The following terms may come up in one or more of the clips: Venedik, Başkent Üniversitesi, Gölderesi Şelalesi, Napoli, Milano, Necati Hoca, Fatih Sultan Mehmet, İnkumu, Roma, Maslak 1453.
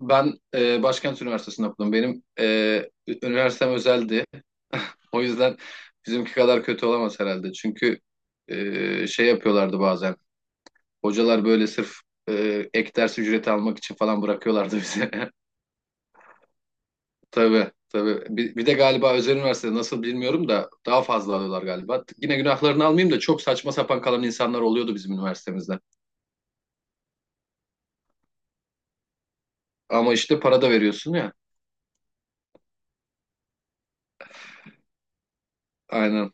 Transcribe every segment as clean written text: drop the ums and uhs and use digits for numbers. Ben Başkent Üniversitesi'nde okudum. Üniversitem özeldi. O yüzden bizimki kadar kötü olamaz herhalde. Çünkü şey yapıyorlardı bazen. Hocalar böyle sırf e, ek ders ücreti almak için falan bırakıyorlardı bize. Tabii tabii. Bir de galiba özel üniversitede nasıl bilmiyorum da daha fazla alıyorlar galiba. Yine günahlarını almayayım da çok saçma sapan kalan insanlar oluyordu bizim üniversitemizde. Ama işte para da veriyorsun ya. Aynen.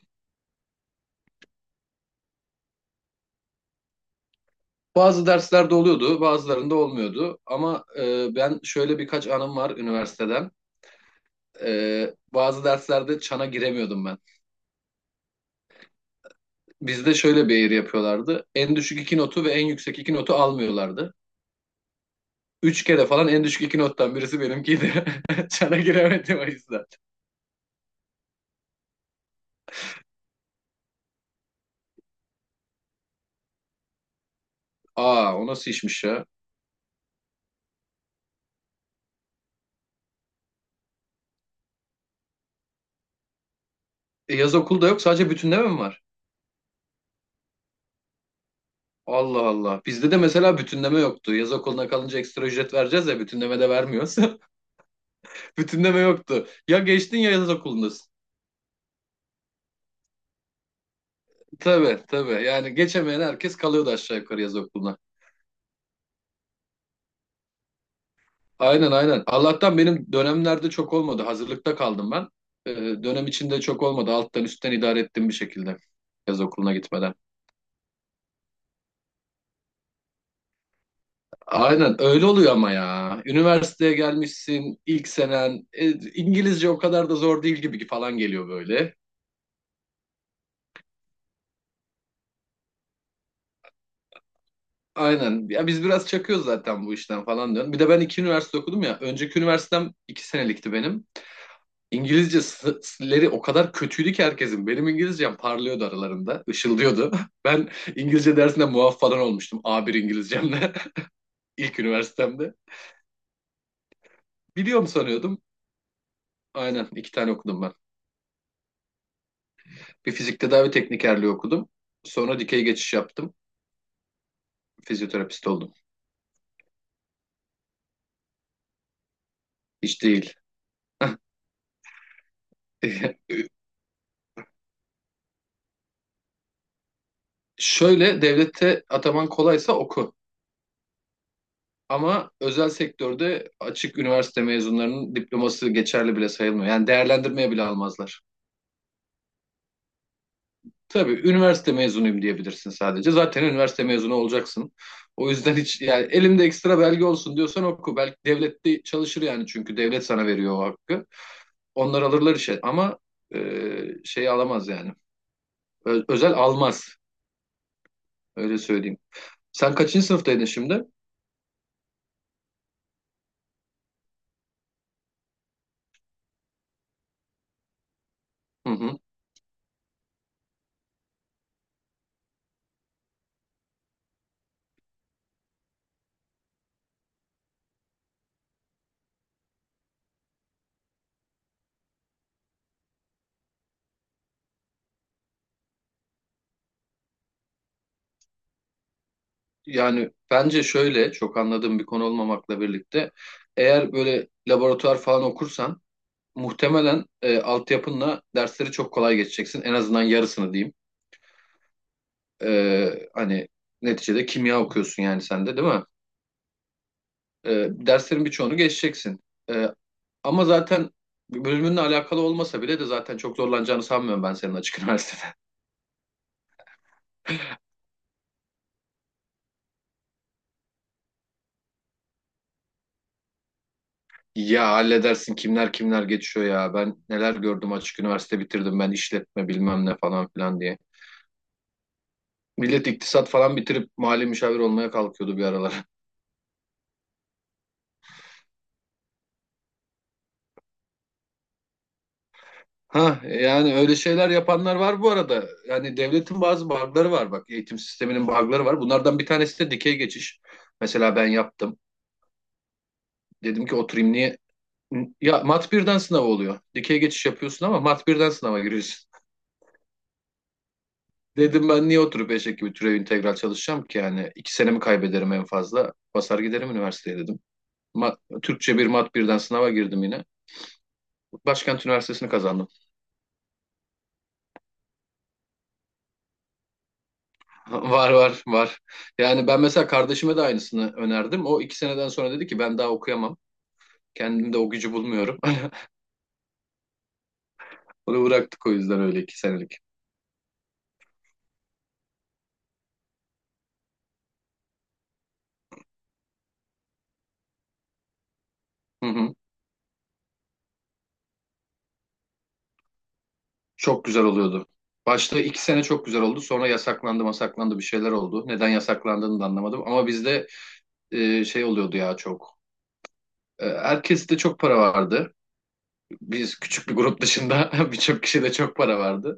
Bazı derslerde oluyordu, bazılarında olmuyordu. Ama ben şöyle birkaç anım var üniversiteden. Bazı derslerde çana giremiyordum ben. Bizde şöyle bir eğri yapıyorlardı. En düşük iki notu ve en yüksek iki notu almıyorlardı. Üç kere falan en düşük iki nottan birisi benimkiydi. Çana giremedim o yüzden. Aa, o nasıl işmiş ya? Yaz okulda yok, sadece bütünleme mi var? Allah Allah. Bizde de mesela bütünleme yoktu. Yaz okuluna kalınca ekstra ücret vereceğiz ya, bütünleme de vermiyoruz. Bütünleme yoktu. Ya geçtin ya yaz okulundasın. Tabii tabii. Yani geçemeyen herkes kalıyordu aşağı yukarı yaz okuluna. Aynen aynen. Allah'tan benim dönemlerde çok olmadı. Hazırlıkta kaldım ben. Ee, Dönem içinde çok olmadı. Alttan üstten idare ettim bir şekilde yaz okuluna gitmeden. Aynen öyle oluyor ama ya. Üniversiteye gelmişsin ilk senen. İngilizce o kadar da zor değil gibi falan geliyor böyle. Aynen. Ya biz biraz çakıyoruz zaten bu işten falan diyorum. Bir de ben iki üniversite okudum ya. Önceki üniversitem iki senelikti benim. İngilizceleri o kadar kötüydü ki herkesin. Benim İngilizcem parlıyordu aralarında, ışıldıyordu. Ben İngilizce dersinde muaf falan olmuştum A1 İngilizcemle ilk üniversitemde. Biliyorum sanıyordum. Aynen iki tane okudum ben. Bir fizik tedavi teknikerliği okudum. Sonra dikey geçiş yaptım. Fizyoterapist oldum. Hiç değil. Şöyle, devlette ataman kolaysa oku. Ama özel sektörde açık üniversite mezunlarının diploması geçerli bile sayılmıyor. Yani değerlendirmeye bile almazlar. Tabii, üniversite mezunuyum diyebilirsin sadece. Zaten üniversite mezunu olacaksın. O yüzden hiç yani, elimde ekstra belge olsun diyorsan oku. Belki devlette çalışır yani, çünkü devlet sana veriyor o hakkı. Onlar alırlar işe ama e, şey alamaz yani. Özel almaz, öyle söyleyeyim. Sen kaçıncı sınıftaydın şimdi? Hı hı. Yani bence şöyle, çok anladığım bir konu olmamakla birlikte eğer böyle laboratuvar falan okursan muhtemelen altyapınla dersleri çok kolay geçeceksin. En azından yarısını diyeyim. Hani neticede kimya okuyorsun yani sen de, değil mi? Derslerin birçoğunu geçeceksin. Ee, Ama zaten bölümünle alakalı olmasa bile de zaten çok zorlanacağını sanmıyorum ben senin açık üniversitede. Ya halledersin, kimler kimler geçiyor ya. Ben neler gördüm, açık üniversite bitirdim, ben işletme bilmem ne falan filan diye. Millet iktisat falan bitirip mali müşavir olmaya kalkıyordu bir aralar. Ha yani, öyle şeyler yapanlar var bu arada. Yani devletin bazı bug'ları var bak. Eğitim sisteminin bug'ları var. Bunlardan bir tanesi de dikey geçiş. Mesela ben yaptım. Dedim ki oturayım niye? Ya mat birden sınav oluyor. Dikey geçiş yapıyorsun ama mat birden sınava giriyorsun. Dedim ben niye oturup eşek gibi türev integral çalışacağım ki, yani iki senemi kaybederim en fazla. Basar giderim üniversiteye dedim. Türkçe bir mat birden sınava girdim yine. Başkent Üniversitesi'ni kazandım. Var var var. Yani ben mesela kardeşime de aynısını önerdim. O iki seneden sonra dedi ki ben daha okuyamam. Kendimde o gücü bulmuyorum. Onu bıraktık o yüzden, öyle iki senelik. Hı hı. Çok güzel oluyordu. Başta iki sene çok güzel oldu. Sonra yasaklandı masaklandı, bir şeyler oldu. Neden yasaklandığını da anlamadım. Ama bizde şey oluyordu ya çok. Herkes de çok para vardı. Biz küçük bir grup dışında birçok kişi de çok para vardı.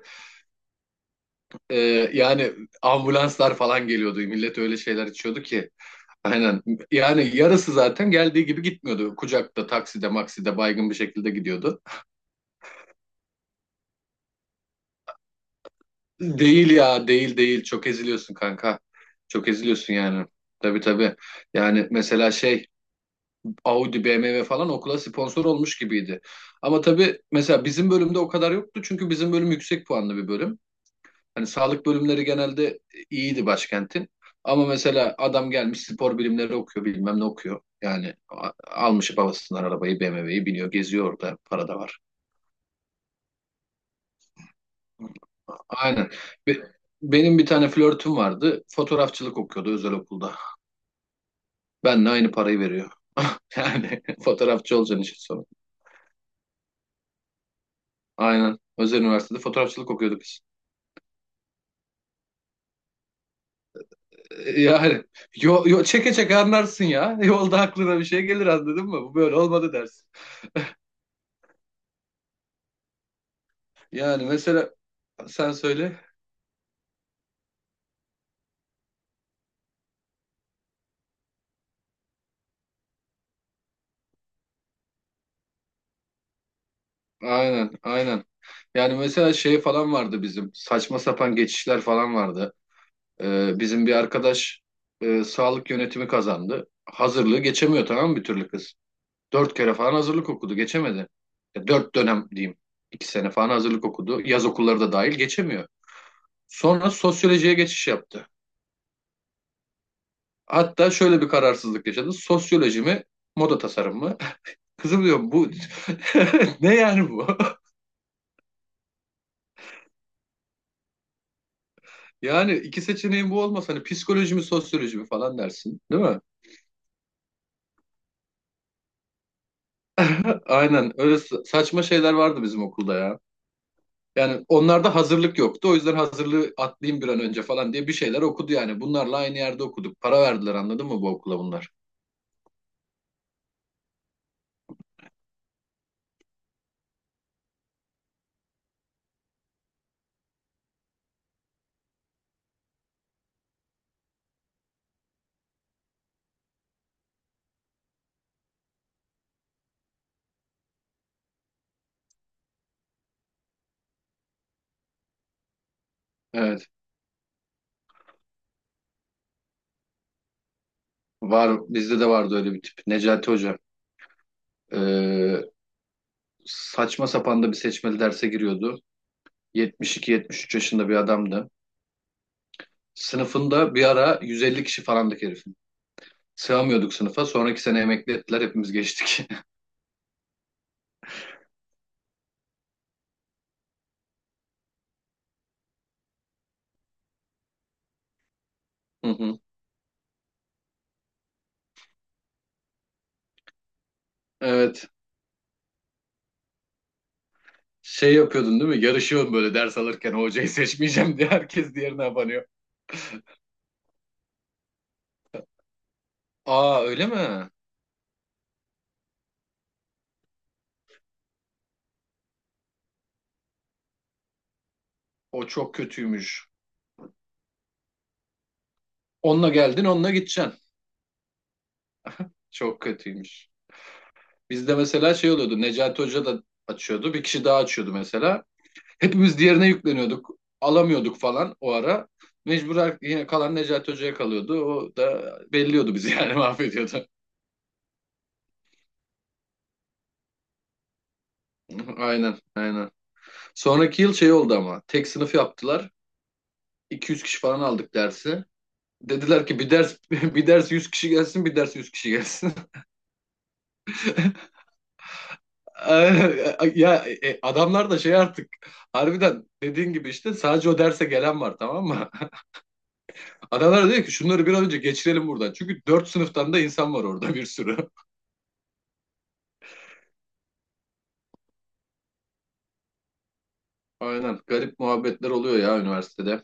E, Yani ambulanslar falan geliyordu. Millet öyle şeyler içiyordu ki. Aynen. Yani yarısı zaten geldiği gibi gitmiyordu. Kucakta, takside, makside baygın bir şekilde gidiyordu. Değil ya, değil değil. Çok eziliyorsun kanka. Çok eziliyorsun yani. Tabii tabii. Yani mesela şey, Audi, BMW falan okula sponsor olmuş gibiydi. Ama tabii mesela bizim bölümde o kadar yoktu. Çünkü bizim bölüm yüksek puanlı bir bölüm. Hani sağlık bölümleri genelde iyiydi başkentin. Ama mesela adam gelmiş spor bilimleri okuyor, bilmem ne okuyor. Yani almış babasından arabayı, BMW'yi biniyor geziyor orada, para da var. Aynen. Be- Benim bir tane flörtüm vardı. Fotoğrafçılık okuyordu özel okulda. Benle aynı parayı veriyor. Yani fotoğrafçı olacaksın işin sonu. Aynen. Özel üniversitede fotoğrafçılık okuyorduk biz. Yani çeke çeke anlarsın ya. Yolda aklına bir şey gelir, anladın mı? Bu böyle olmadı dersin. Yani mesela sen söyle. Aynen, aynen. Yani mesela şey falan vardı bizim. Saçma sapan geçişler falan vardı. Bizim bir arkadaş sağlık yönetimi kazandı. Hazırlığı geçemiyor, tamam mı, bir türlü kız. Dört kere falan hazırlık okudu, geçemedi. Ya, dört dönem diyeyim. İki sene falan hazırlık okudu. Yaz okulları da dahil geçemiyor. Sonra sosyolojiye geçiş yaptı. Hatta şöyle bir kararsızlık yaşadı: sosyoloji mi, moda tasarım mı? Kızım diyor, bu ne yani bu? Yani iki seçeneğin bu olmasa hani psikoloji mi sosyoloji mi falan dersin, değil mi? Aynen öyle, saçma şeyler vardı bizim okulda ya. Yani onlarda hazırlık yoktu. O yüzden hazırlığı atlayayım bir an önce falan diye bir şeyler okudu yani. Bunlarla aynı yerde okuduk. Para verdiler, anladın mı, bu okula bunlar? Evet. Var, bizde de vardı öyle bir tip. Necati Hoca. Ee, Saçma sapan da bir seçmeli derse giriyordu. 72-73 yaşında bir adamdı. Sınıfında bir ara 150 kişi falandık herif. Sığamıyorduk sınıfa. Sonraki sene emekli ettiler. Hepimiz geçtik. Hı hı. Evet. Şey yapıyordun değil mi? Yarışıyorsun böyle ders alırken, "O hocayı seçmeyeceğim" diye herkes diğerine abanıyor. Aa öyle mi? O çok kötüymüş. Onunla geldin, onunla gideceksin. Çok kötüymüş. Bizde mesela şey oluyordu. Necati Hoca da açıyordu. Bir kişi daha açıyordu mesela. Hepimiz diğerine yükleniyorduk. Alamıyorduk falan o ara. Mecbur yine kalan Necati Hoca'ya kalıyordu. O da belliyordu bizi yani, mahvediyordu. Aynen, aynen. Sonraki yıl şey oldu ama, tek sınıf yaptılar. 200 kişi falan aldık dersi. Dediler ki bir ders bir ders 100 kişi gelsin, bir ders 100 kişi gelsin. Ya, adamlar da şey artık, harbiden dediğin gibi işte, sadece o derse gelen var, tamam mı? Adamlar diyor ki, şunları bir an önce geçirelim buradan. Çünkü 4 sınıftan da insan var orada, bir sürü. Aynen, garip muhabbetler oluyor ya üniversitede.